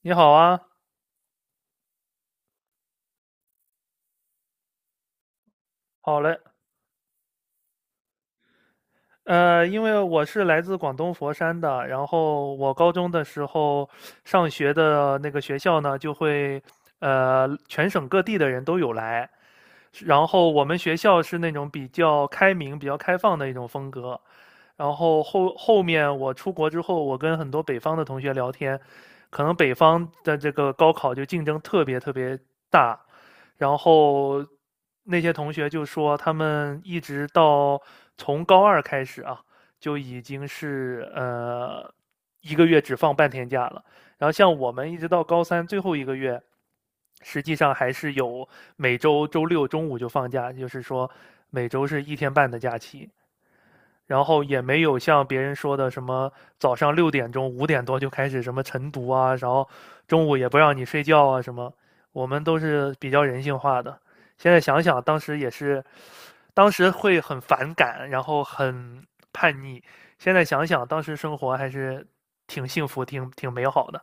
你好啊，好嘞。因为我是来自广东佛山的，然后我高中的时候上学的那个学校呢，就会全省各地的人都有来，然后我们学校是那种比较开明、比较开放的一种风格。然后后面我出国之后，我跟很多北方的同学聊天，可能北方的这个高考就竞争特别特别大，然后那些同学就说，他们一直到从高二开始啊，就已经是一个月只放半天假了。然后像我们一直到高三最后一个月，实际上还是有每周周六中午就放假，就是说每周是一天半的假期。然后也没有像别人说的什么早上6点钟、5点多就开始什么晨读啊，然后中午也不让你睡觉啊什么。我们都是比较人性化的。现在想想，当时也是，当时会很反感，然后很叛逆。现在想想，当时生活还是挺幸福、挺美好的。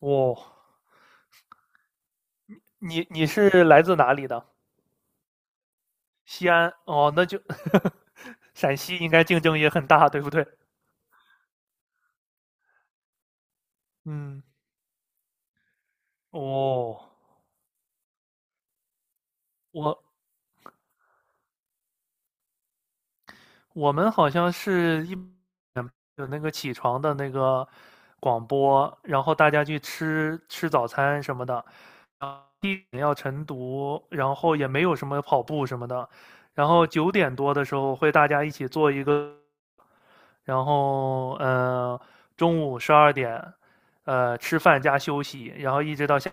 哦，你是来自哪里的？西安哦，那就 陕西应该竞争也很大，对不对？嗯，哦，我我们好像有那个起床的那个广播，然后大家去吃吃早餐什么的，一点要晨读，然后也没有什么跑步什么的，然后9点多的时候会大家一起做一个，然后中午12点，吃饭加休息，然后一直到下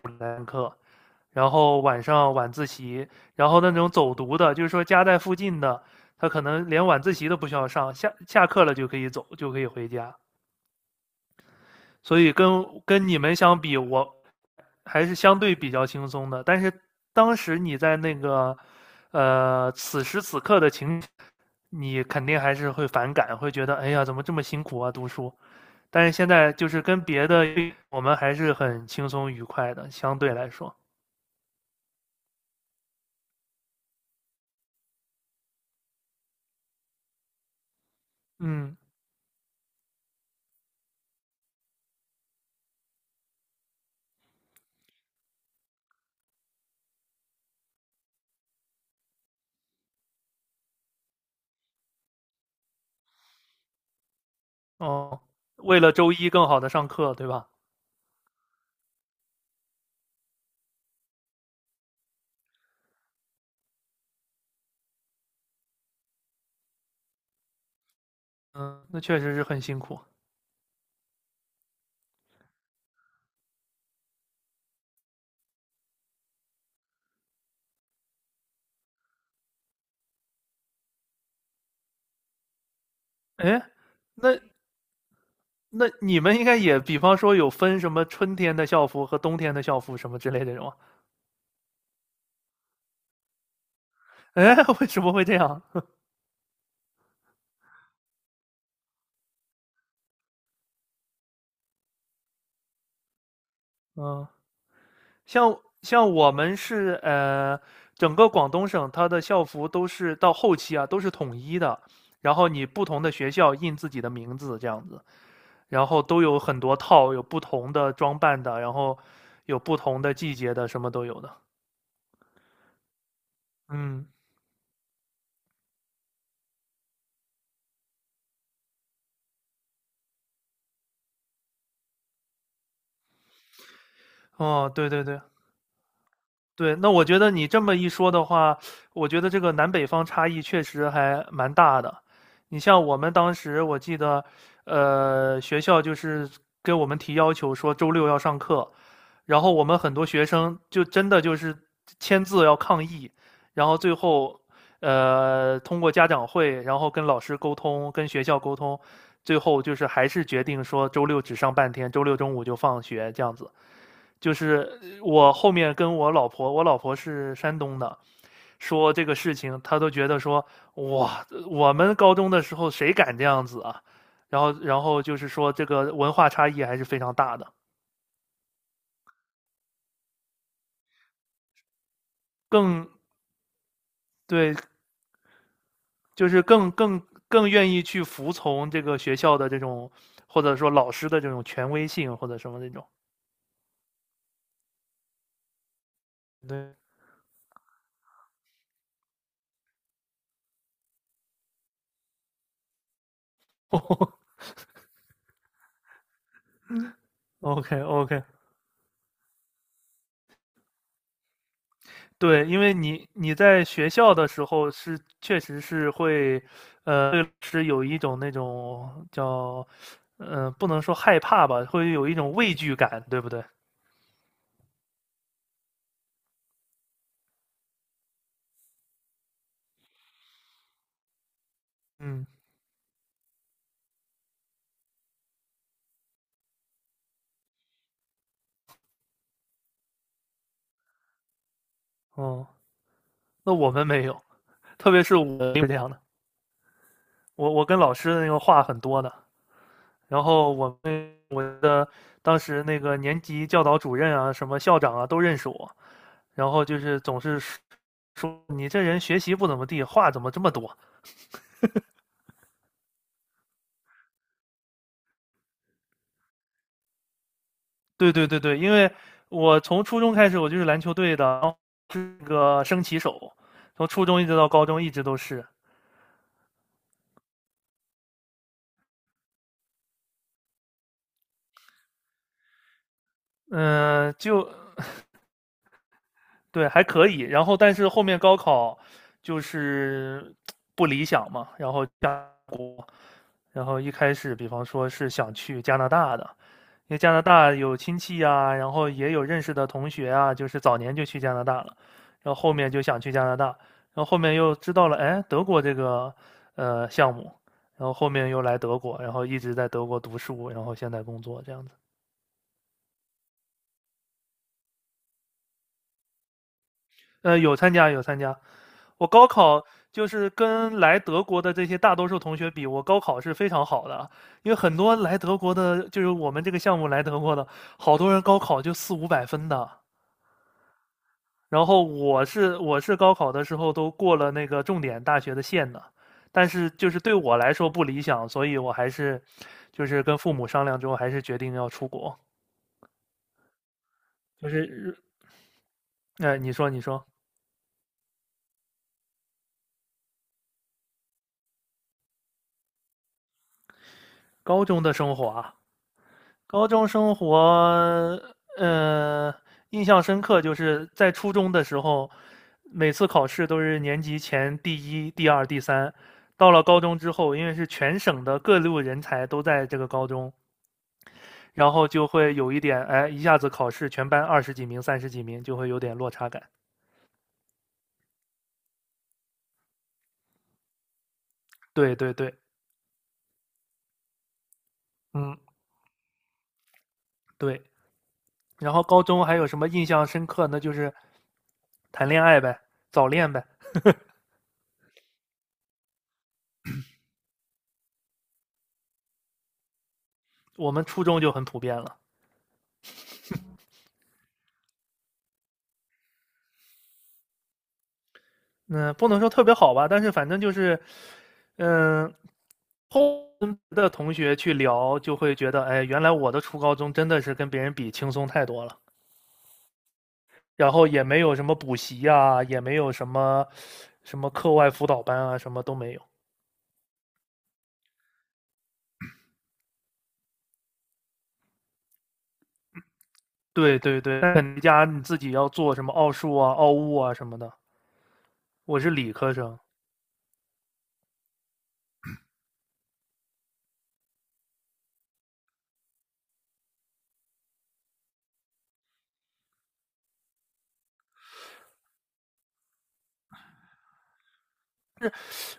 然后晚上晚自习，然后那种走读的，就是说家在附近的，他可能连晚自习都不需要上，下课了就可以走，就可以回家。所以跟你们相比，我还是相对比较轻松的。但是当时你在那个，此时此刻的情，你肯定还是会反感，会觉得哎呀，怎么这么辛苦啊，读书。但是现在就是跟别的，我们还是很轻松愉快的，相对来说，嗯。哦，为了周一更好的上课，对吧？嗯，那确实是很辛苦。哎，那那你们应该也，比方说有分什么春天的校服和冬天的校服什么之类的这种啊？哎，为什么会这样？嗯，像我们是整个广东省它的校服都是到后期啊都是统一的，然后你不同的学校印自己的名字这样子，然后都有很多套，有不同的装扮的，然后有不同的季节的，什么都有的。嗯。哦，对对对对，那我觉得你这么一说的话，我觉得这个南北方差异确实还蛮大的。你像我们当时，我记得，学校就是给我们提要求说周六要上课，然后我们很多学生就真的就是签字要抗议，然后最后，通过家长会，然后跟老师沟通，跟学校沟通，最后就是还是决定说周六只上半天，周六中午就放学这样子。就是我后面跟我老婆，我老婆是山东的，说这个事情，她都觉得说哇，我们高中的时候谁敢这样子啊？然后就是说这个文化差异还是非常大的，更对，就是更愿意去服从这个学校的这种，或者说老师的这种权威性或者什么那种。对 ，OK OK，对，因为你在学校的时候是确实是会，对老师有一种那种叫，不能说害怕吧，会有一种畏惧感，对不对？嗯，哦，那我们没有，特别是我是这样的，我跟老师的那个话很多的，然后我的当时那个年级教导主任啊，什么校长啊都认识我，然后就是总是说你这人学习不怎么地，话怎么这么多？对对对对，因为我从初中开始我就是篮球队的，然后是个升旗手，从初中一直到高中一直都是，嗯，就对还可以。然后但是后面高考就是不理想嘛，然后一开始，比方说是想去加拿大的，因为加拿大有亲戚呀，然后也有认识的同学啊，就是早年就去加拿大了，然后后面就想去加拿大，然后后面又知道了，哎，德国这个项目，然后后面又来德国，然后一直在德国读书，然后现在工作这样子。有参加有参加，我高考就是跟来德国的这些大多数同学比，我高考是非常好的啊，因为很多来德国的，就是我们这个项目来德国的，好多人高考就四五百分的。然后我是高考的时候都过了那个重点大学的线的，但是就是对我来说不理想，所以我还是就是跟父母商量之后，还是决定要出国。就是，你说高中的生活啊。高中生活，呃，印象深刻，就是在初中的时候，每次考试都是年级前第一、第二、第三。到了高中之后，因为是全省的各路人才都在这个高中，然后就会有一点，哎，一下子考试全班20几名、30几名，就会有点落差感。对对对，嗯，对。然后高中还有什么印象深刻那就是谈恋爱呗，早恋呗。我们初中就很普遍了。嗯，不能说特别好吧，但是反正就是，嗯，后跟别的同学去聊，就会觉得，哎，原来我的初高中真的是跟别人比轻松太多了，然后也没有什么补习呀、也没有什么课外辅导班啊，什么都没有。对对对，但肯尼加你自己要做什么奥数啊、奥物啊什么的。我是理科生，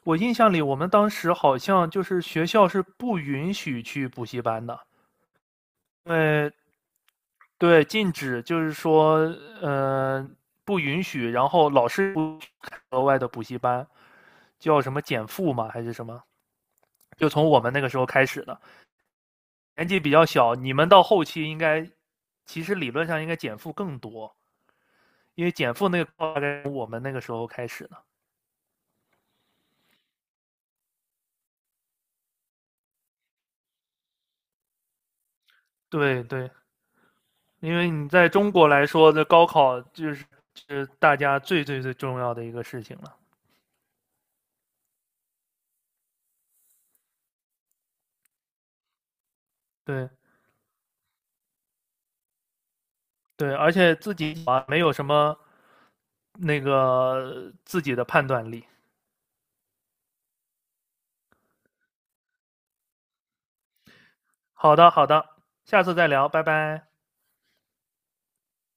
我印象里我们当时好像就是学校是不允许去补习班的，因为对，禁止就是说，呃，不允许，然后老师不开额外的补习班，叫什么减负嘛，还是什么？就从我们那个时候开始的，年纪比较小，你们到后期应该，其实理论上应该减负更多，因为减负那个大概从我们那个时候开始的。对对，因为你在中国来说，这高考就是是大家最最最重要的一个事情了。对，对，而且自己啊没有什么那个自己的判断力。好的，好的，下次再聊，拜拜。